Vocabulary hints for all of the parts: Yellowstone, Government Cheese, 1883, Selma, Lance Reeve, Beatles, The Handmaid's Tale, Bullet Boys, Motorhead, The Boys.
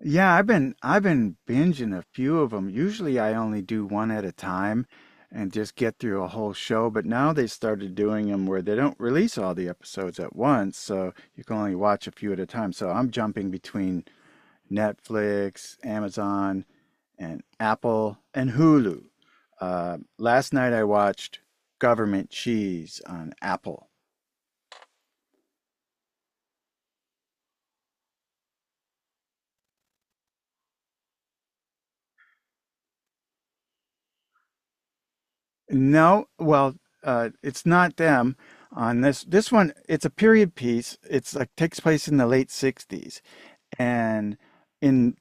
Yeah, I've been binging a few of them. Usually I only do one at a time and just get through a whole show, but now they started doing them where they don't release all the episodes at once, so you can only watch a few at a time. So I'm jumping between Netflix, Amazon, and Apple and Hulu. Last night I watched Government Cheese on Apple. No, well, it's not them on this. This one, it's a period piece. It's like takes place in the late 60s and in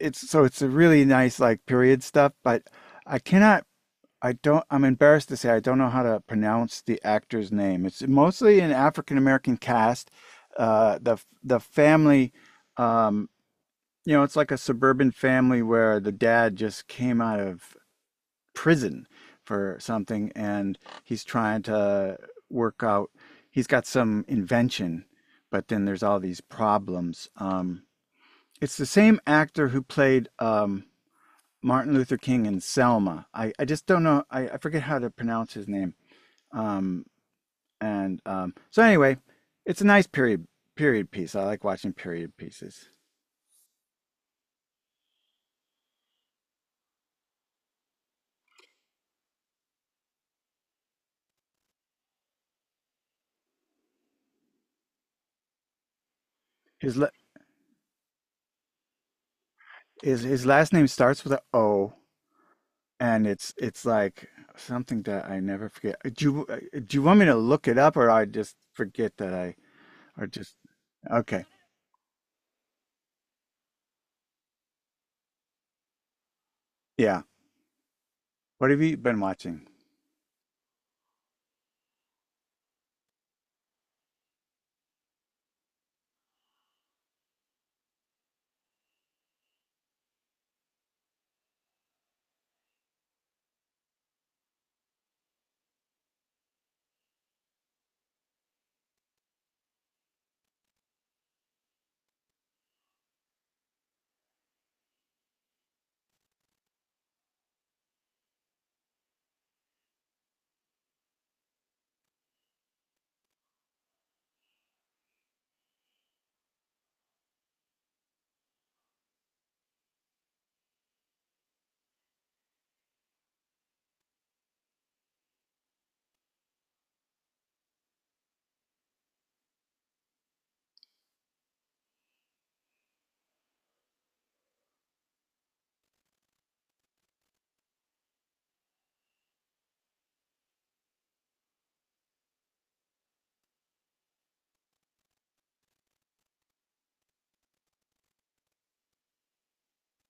it's a really nice like period stuff, but I cannot I don't I'm embarrassed to say I don't know how to pronounce the actor's name. It's mostly an African American cast. Uh, the the family um it's like a suburban family where the dad just came out of prison for something, and he's trying to work out. He's got some invention, but then there's all these problems. It's the same actor who played Martin Luther King in Selma. I just don't know. I forget how to pronounce his name. Um, and so anyway, it's a nice period piece. I like watching period pieces. His his last name starts with a O, and it's like something that I never forget. Do you want me to look it up, or I just forget that I or just okay? Yeah. What have you been watching?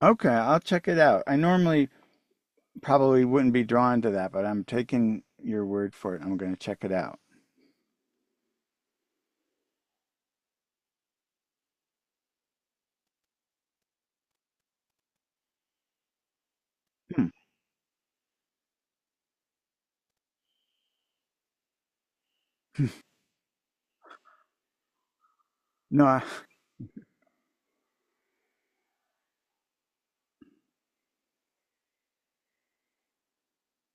Okay, I'll check it out. I normally probably wouldn't be drawn to that, but I'm taking your word for it. I'm going to check it out. Hmm. No, I,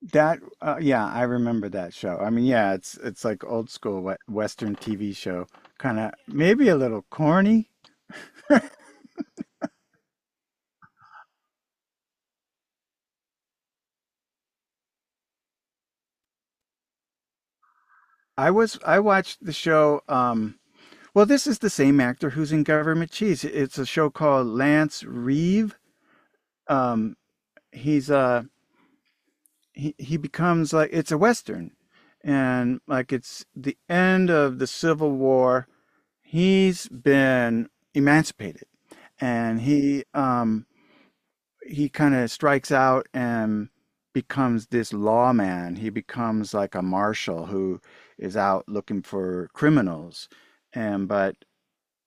that yeah, I remember that show. I mean, yeah, it's like old school Western TV show, kind of maybe a little corny. I watched the show. Well, this is the same actor who's in Government Cheese. It's a show called Lance Reeve. Um, he's uh he becomes like it's a western, and like it's the end of the Civil War. He's been emancipated, and he kind of strikes out and becomes this lawman. He becomes like a marshal who is out looking for criminals, and but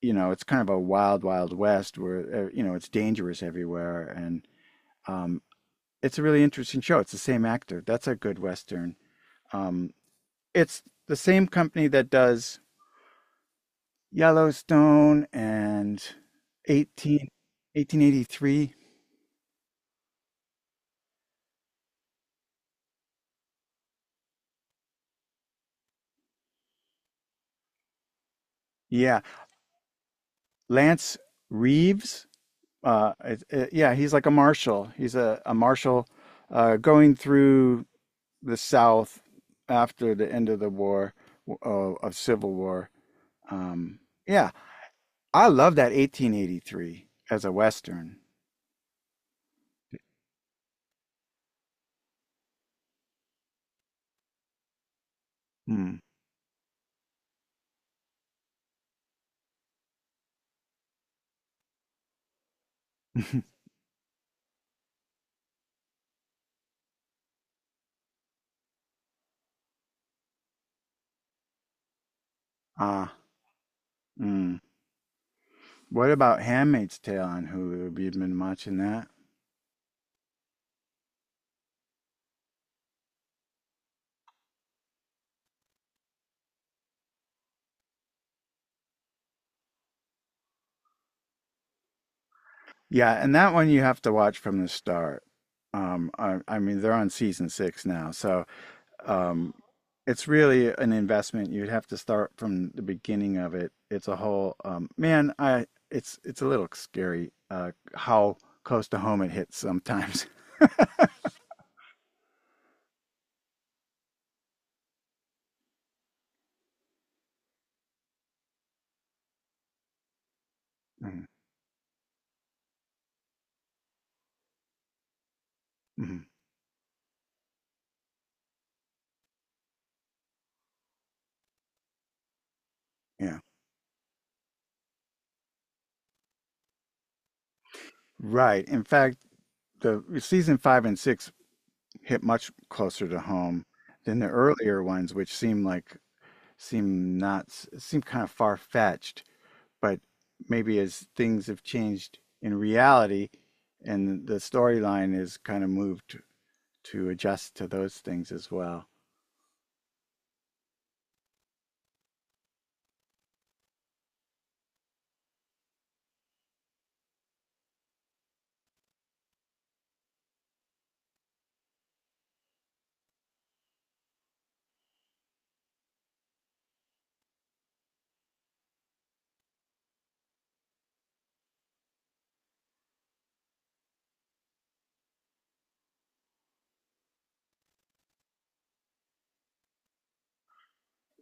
you know, it's kind of a wild, wild west where, you know, it's dangerous everywhere. And um, it's a really interesting show. It's the same actor. That's a good Western. Um, it's the same company that does Yellowstone and 18, 1883. Yeah. Lance Reeves. Yeah, he's like a marshal. He's a marshal going through the South after the end of the war, uh, of Civil War. Um, yeah, I love that 1883 as a Western. Hmm. ah, mm. What about Handmaid's Tale on Hulu? Have you been watching that? Yeah, and that one you have to watch from the start. I mean, they're on season six now, so um, it's really an investment. You'd have to start from the beginning of it. It's a whole man. I It's a little scary how close to home it hits sometimes. Mhm, mhm, yeah, right. In fact, the season five and six hit much closer to home than the earlier ones, which seem not seem kind of far fetched. But maybe as things have changed in reality, and the storyline is kind of moved to adjust to those things as well.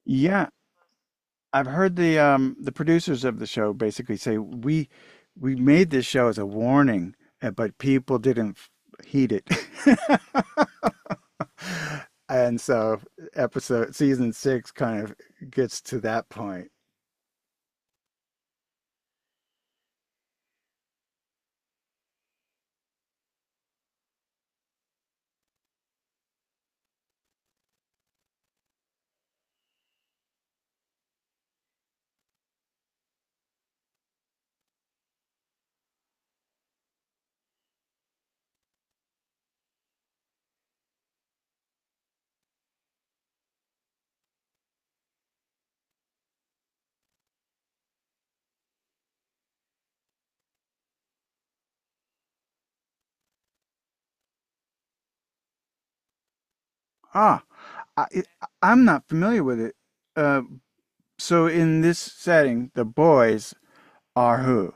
Yeah, I've heard the producers of the show basically say we made this show as a warning, but people didn't heed it. And so episode season six kind of gets to that point. Ah, I, I'm not familiar with it. Uh, so in this setting, the boys are who?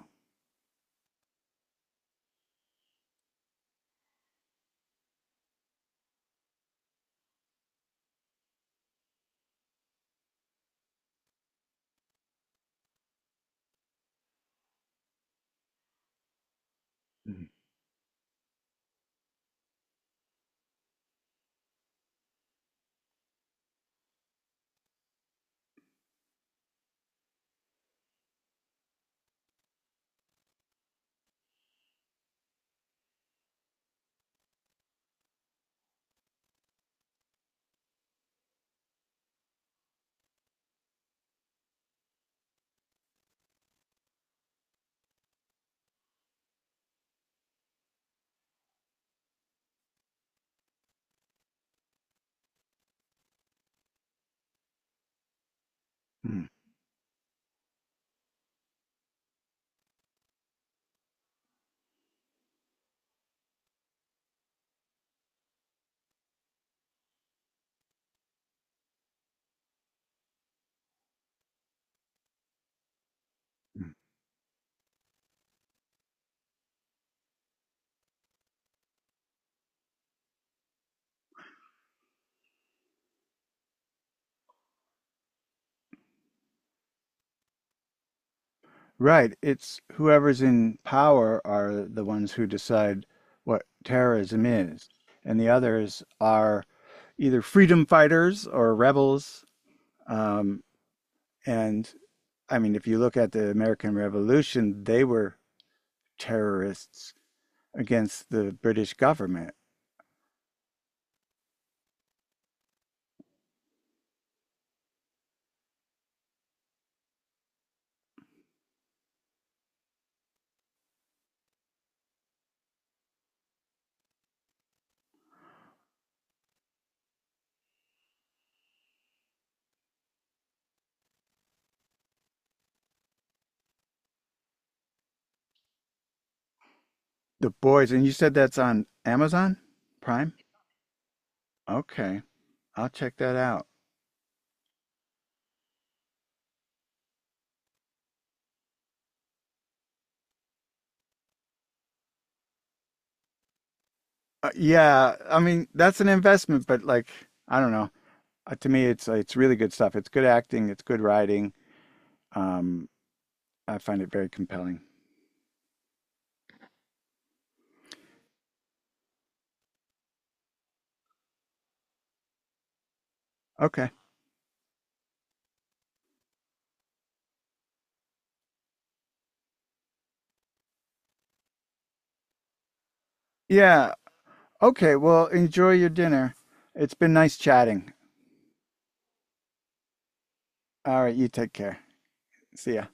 Hmm. Right. It's whoever's in power are the ones who decide what terrorism is, and the others are either freedom fighters or rebels. Um, and I mean, if you look at the American Revolution, they were terrorists against the British government. The Boys, and you said that's on Amazon Prime? Okay, I'll check that out. Yeah, I mean, that's an investment, but like, I don't know. To me, it's really good stuff. It's good acting, it's good writing. Um, I find it very compelling. Okay. Yeah. Okay. Well, enjoy your dinner. It's been nice chatting. All right. You take care. See ya.